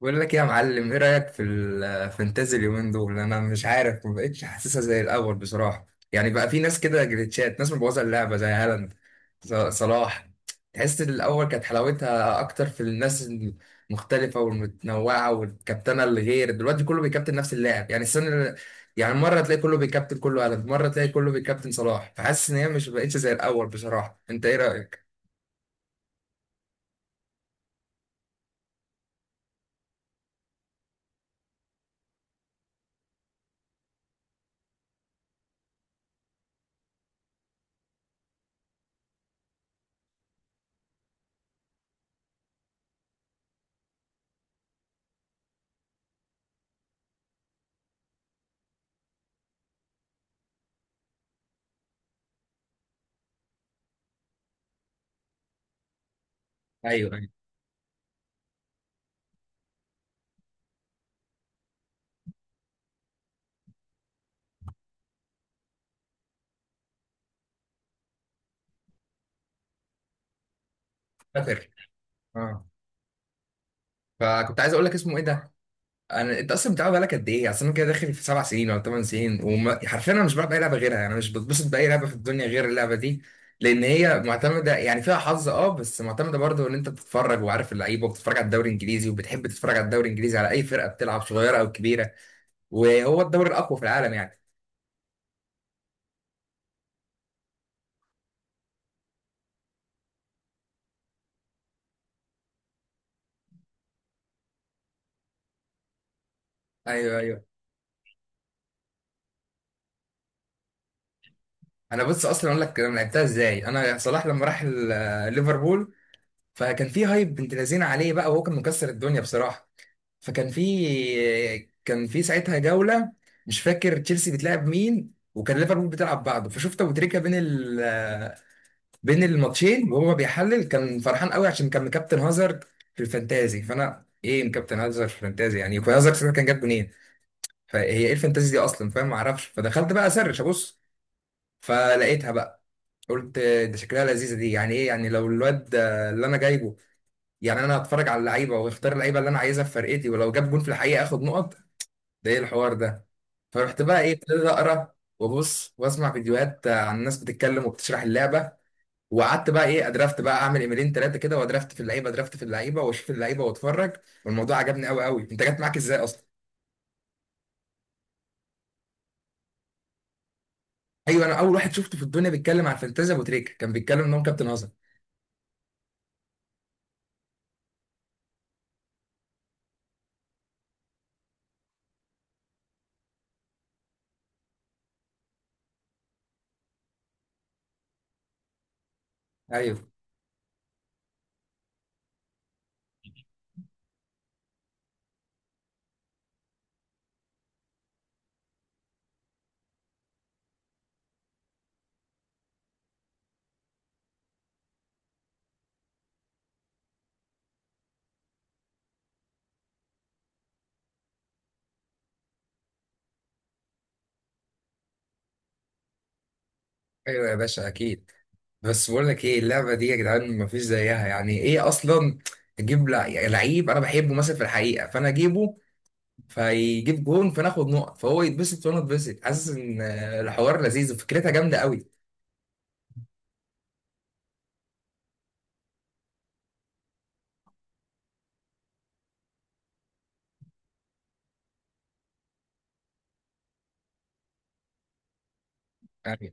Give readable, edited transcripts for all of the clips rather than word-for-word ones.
بقول لك إيه يا معلم؟ ايه رأيك في الفانتازي اليومين دول؟ انا مش عارف، ما بقتش حاسسها زي الاول بصراحة. يعني بقى في ناس كده جليتشات، ناس مبوظة اللعبة زي هالاند، صلاح. تحس إن الاول كانت حلاوتها اكتر في الناس المختلفة والمتنوعة، والكابتنة اللي غير دلوقتي كله بيكابتن نفس اللاعب. يعني يعني مرة تلاقي كله بيكابتن، كله هالاند، مرة تلاقي كله بيكابتن صلاح. فحاسس ان هي مش بقتش زي الاول بصراحة. انت ايه رأيك؟ ايوه، ايوه. فاكر. اه. فكنت عايز اقول لك اسمه ايه ده. انا انت اصلا بتلعب بقالك قد ايه؟ اصل انا كده داخل في سبع سنين ولا ثمان سنين، وحرفيا انا مش بلعب اي لعبه غيرها، يعني مش بتبسط باي لعبه في الدنيا غير اللعبه دي. لان هي معتمده، يعني فيها حظ اه، بس معتمده برضه ان انت بتتفرج وعارف اللعيبه، وبتتفرج على الدوري الانجليزي، وبتحب تتفرج على الدوري الانجليزي على اي فرقه بتلعب، صغيره او كبيره، وهو الدوري الاقوى في العالم يعني. ايوه، ايوه. انا بص اصلا اقول لك انا لعبتها ازاي. انا صلاح لما راح ليفربول، فكان في هايب بنت لذينه عليه بقى، وهو كان مكسر الدنيا بصراحه. فكان في كان في ساعتها جولة، مش فاكر تشيلسي بتلعب مين، وكان ليفربول بتلعب بعضه. فشفت ابو تريكة بين بين الماتشين وهو بيحلل، كان فرحان قوي عشان كان مكابتن هازارد في الفانتازي. فانا ايه مكابتن هازارد في الفانتازي؟ يعني يكون هازارد ساعتها كان جاب جونين. فهي ايه الفانتازي دي اصلا؟ فاهم؟ ما اعرفش. فدخلت بقى اسرش ابص، فلقيتها بقى. قلت ده شكلها لذيذه دي، يعني ايه، يعني لو الواد اللي انا جايبه، يعني انا هتفرج على اللعيبه واختار اللعيبه اللي انا عايزها في فرقتي، ولو جاب جون في الحقيقه اخد نقط، ده ايه الحوار ده. فرحت بقى ايه ابتديت اقرا وابص واسمع فيديوهات عن ناس بتتكلم وبتشرح اللعبه. وقعدت بقى ايه ادرافت، بقى اعمل ايميلين ثلاثه كده وادرافت في اللعيبه، ادرافت في اللعيبه، واشوف اللعيبه واتفرج. والموضوع عجبني قوي قوي. انت جت معاك ازاي اصلا؟ ايوه، انا اول واحد شفته في الدنيا بيتكلم عن فانتازيا ابو تريكه، كان بيتكلم ان هو كابتن هزم. ايوه، ايوه يا باشا اكيد. بس بقول لك ايه، اللعبه دي يا جدعان مفيش زيها، يعني ايه اصلا تجيب يعني لعيب انا بحبه مثلا في الحقيقه فانا اجيبه، فيجيب جون فناخد نقط، فهو يتبسط وانا اتبسط. حاسس ان الحوار لذيذ وفكرتها جامده قوي. ايوه.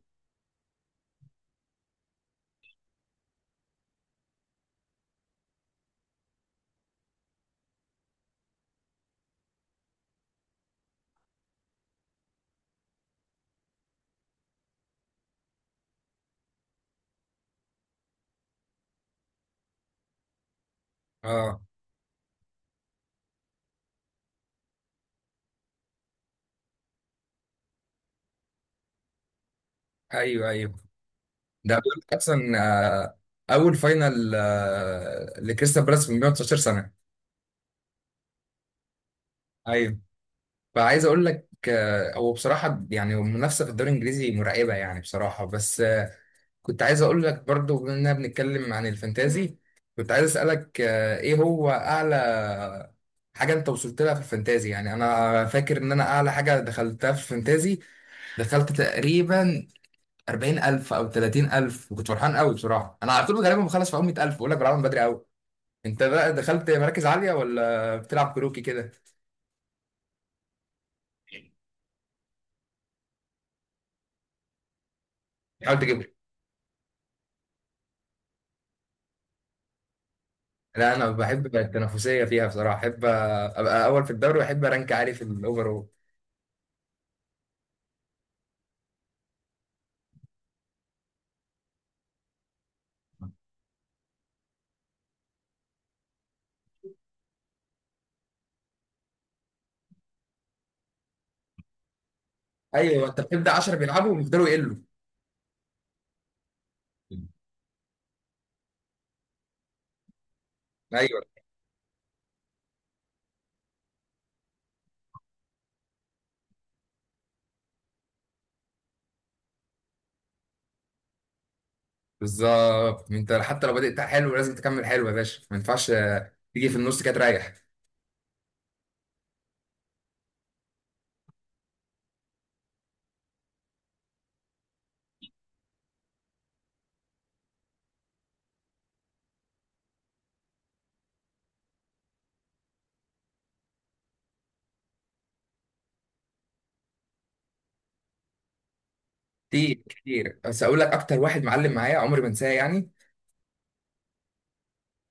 اه. ايوه، ايوه. ده بيقول لك اصلا اول فاينل لكريستال بالاس من 119 سنه. ايوه. فعايز اقول لك هو بصراحه يعني المنافسه في الدوري الانجليزي مرعبه يعني بصراحه. بس كنت عايز اقول لك برضو، بما اننا بنتكلم عن الفانتازي، كنت عايز اسالك ايه هو اعلى حاجه انت وصلت لها في الفانتازي؟ يعني انا فاكر ان انا اعلى حاجه دخلتها في الفانتازي دخلت تقريبا 40,000 او 30,000، وكنت فرحان قوي بصراحه. انا على طول غالبا بخلص في اول 100,000 بقول لك، بعمل بدري قوي. انت بقى دخلت مراكز عاليه ولا بتلعب كروكي كده؟ حاول تجيب. لا، انا بحب بقى التنافسيه فيها بصراحه، احب ابقى اول في الدوري واحب رانك عالي في الاوفرول. ايوه، انت بتبدا 10 بيلعبوا ويفضلوا يقلوا. ايوه، بالظبط. انت حتى لو بدأت حلو لازم تكمل حلو يا باشا، ما ينفعش تيجي في النص كده تريح. كتير كتير. بس اقول لك اكتر واحد معلم معايا عمري ما انساه يعني،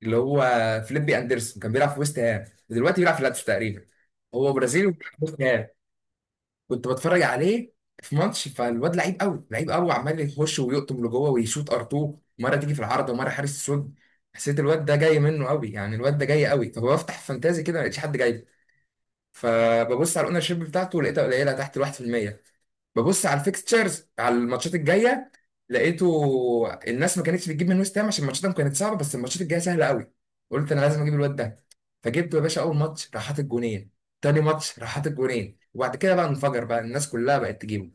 اللي هو فليبي اندرسون. كان بيلعب في ويست هام، دلوقتي بيلعب في لاتس تقريبا. هو برازيلي وبيلعب في ويست هام. كنت بتفرج عليه في ماتش، فالواد لعيب قوي، لعيب قوي، عمال يخش ويقطم لجوه ويشوط ار2، مره تيجي في العارضه ومره حارس السود. حسيت الواد ده جاي منه قوي، يعني الواد ده جاي قوي. فبفتح فانتازي كده، ما لقيتش حد جاي. فببص على الاونر شيب بتاعته، لقيتها قليله تحت ال 1%. ببص على الفيكستشرز، على الماتشات الجايه، لقيته الناس ما كانتش بتجيب من ويست هام عشان ماتشاتهم كانت صعبه، بس الماتشات الجايه سهله قوي. قلت انا لازم اجيب الواد ده، فجبته يا باشا. اول ماتش راح حاطط جونين، تاني ماتش راح حاطط جونين، وبعد كده بقى انفجر بقى، الناس كلها بقت تجيبه.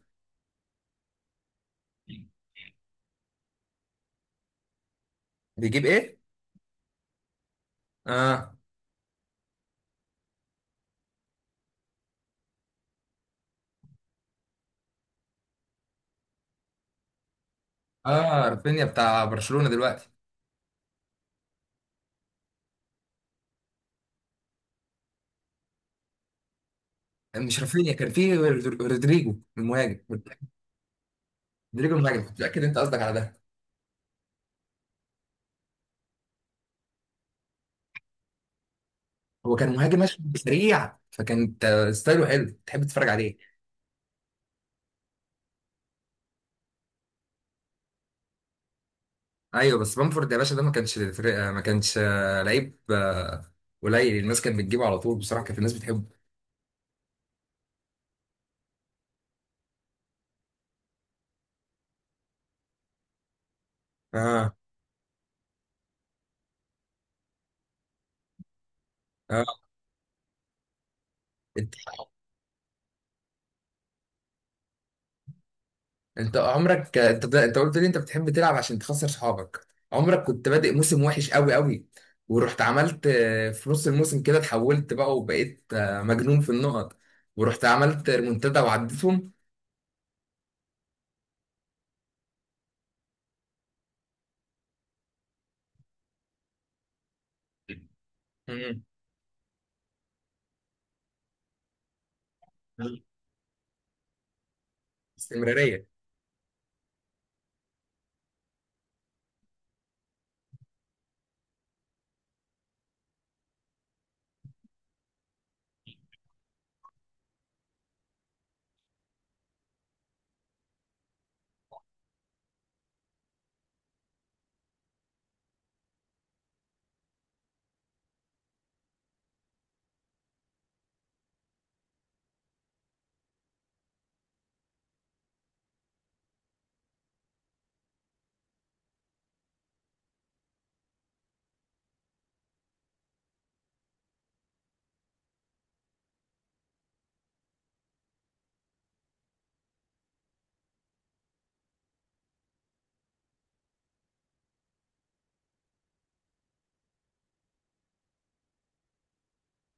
بيجيب ايه؟ اه. اه، رافينيا بتاع برشلونه دلوقتي. مش رافينيا، كان في رودريجو المهاجم. رودريجو المهاجم، متاكد انت قصدك على ده؟ هو كان مهاجم ماشي سريع، فكانت ستايله حلو تحب تتفرج عليه. ايوه، بس بامفورد يا باشا ده ما كانش لعيب قليل. الناس كانت بتجيبه على طول بصراحه، كانت الناس بتحبه. اه. اه. انت، انت قلت لي انت بتحب تلعب عشان تخسر صحابك. عمرك كنت بادئ موسم وحش قوي قوي، ورحت عملت في نص الموسم كده اتحولت بقى، وبقيت مجنون في النقط، ورحت عملت ريمونتادا وعديتهم. مم. استمراريه.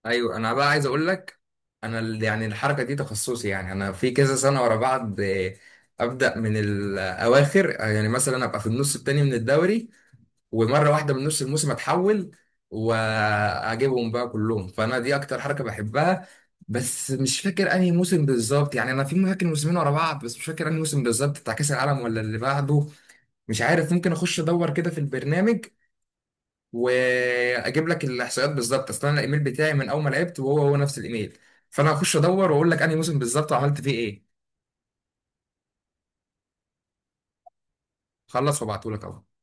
ايوه، انا بقى عايز اقول لك، انا يعني الحركه دي تخصصي، يعني انا في كذا سنه ورا بعض ابدا من الاواخر، يعني مثلا ابقى في النص التاني من الدوري، ومره واحده من نص الموسم اتحول واجيبهم بقى كلهم. فانا دي اكتر حركه بحبها. بس مش فاكر انهي موسم بالظبط، يعني انا في فاكر موسمين ورا بعض بس مش فاكر انهي موسم بالظبط، بتاع كاس العالم ولا اللي بعده. مش عارف. ممكن اخش ادور كده في البرنامج واجيب لك الاحصائيات بالظبط، اصل انا الايميل بتاعي من اول ما لعبت وهو هو نفس الايميل. فانا هخش ادور واقول لك انهي موسم بالظبط وعملت فيه ايه. خلص، وابعته لك اهو.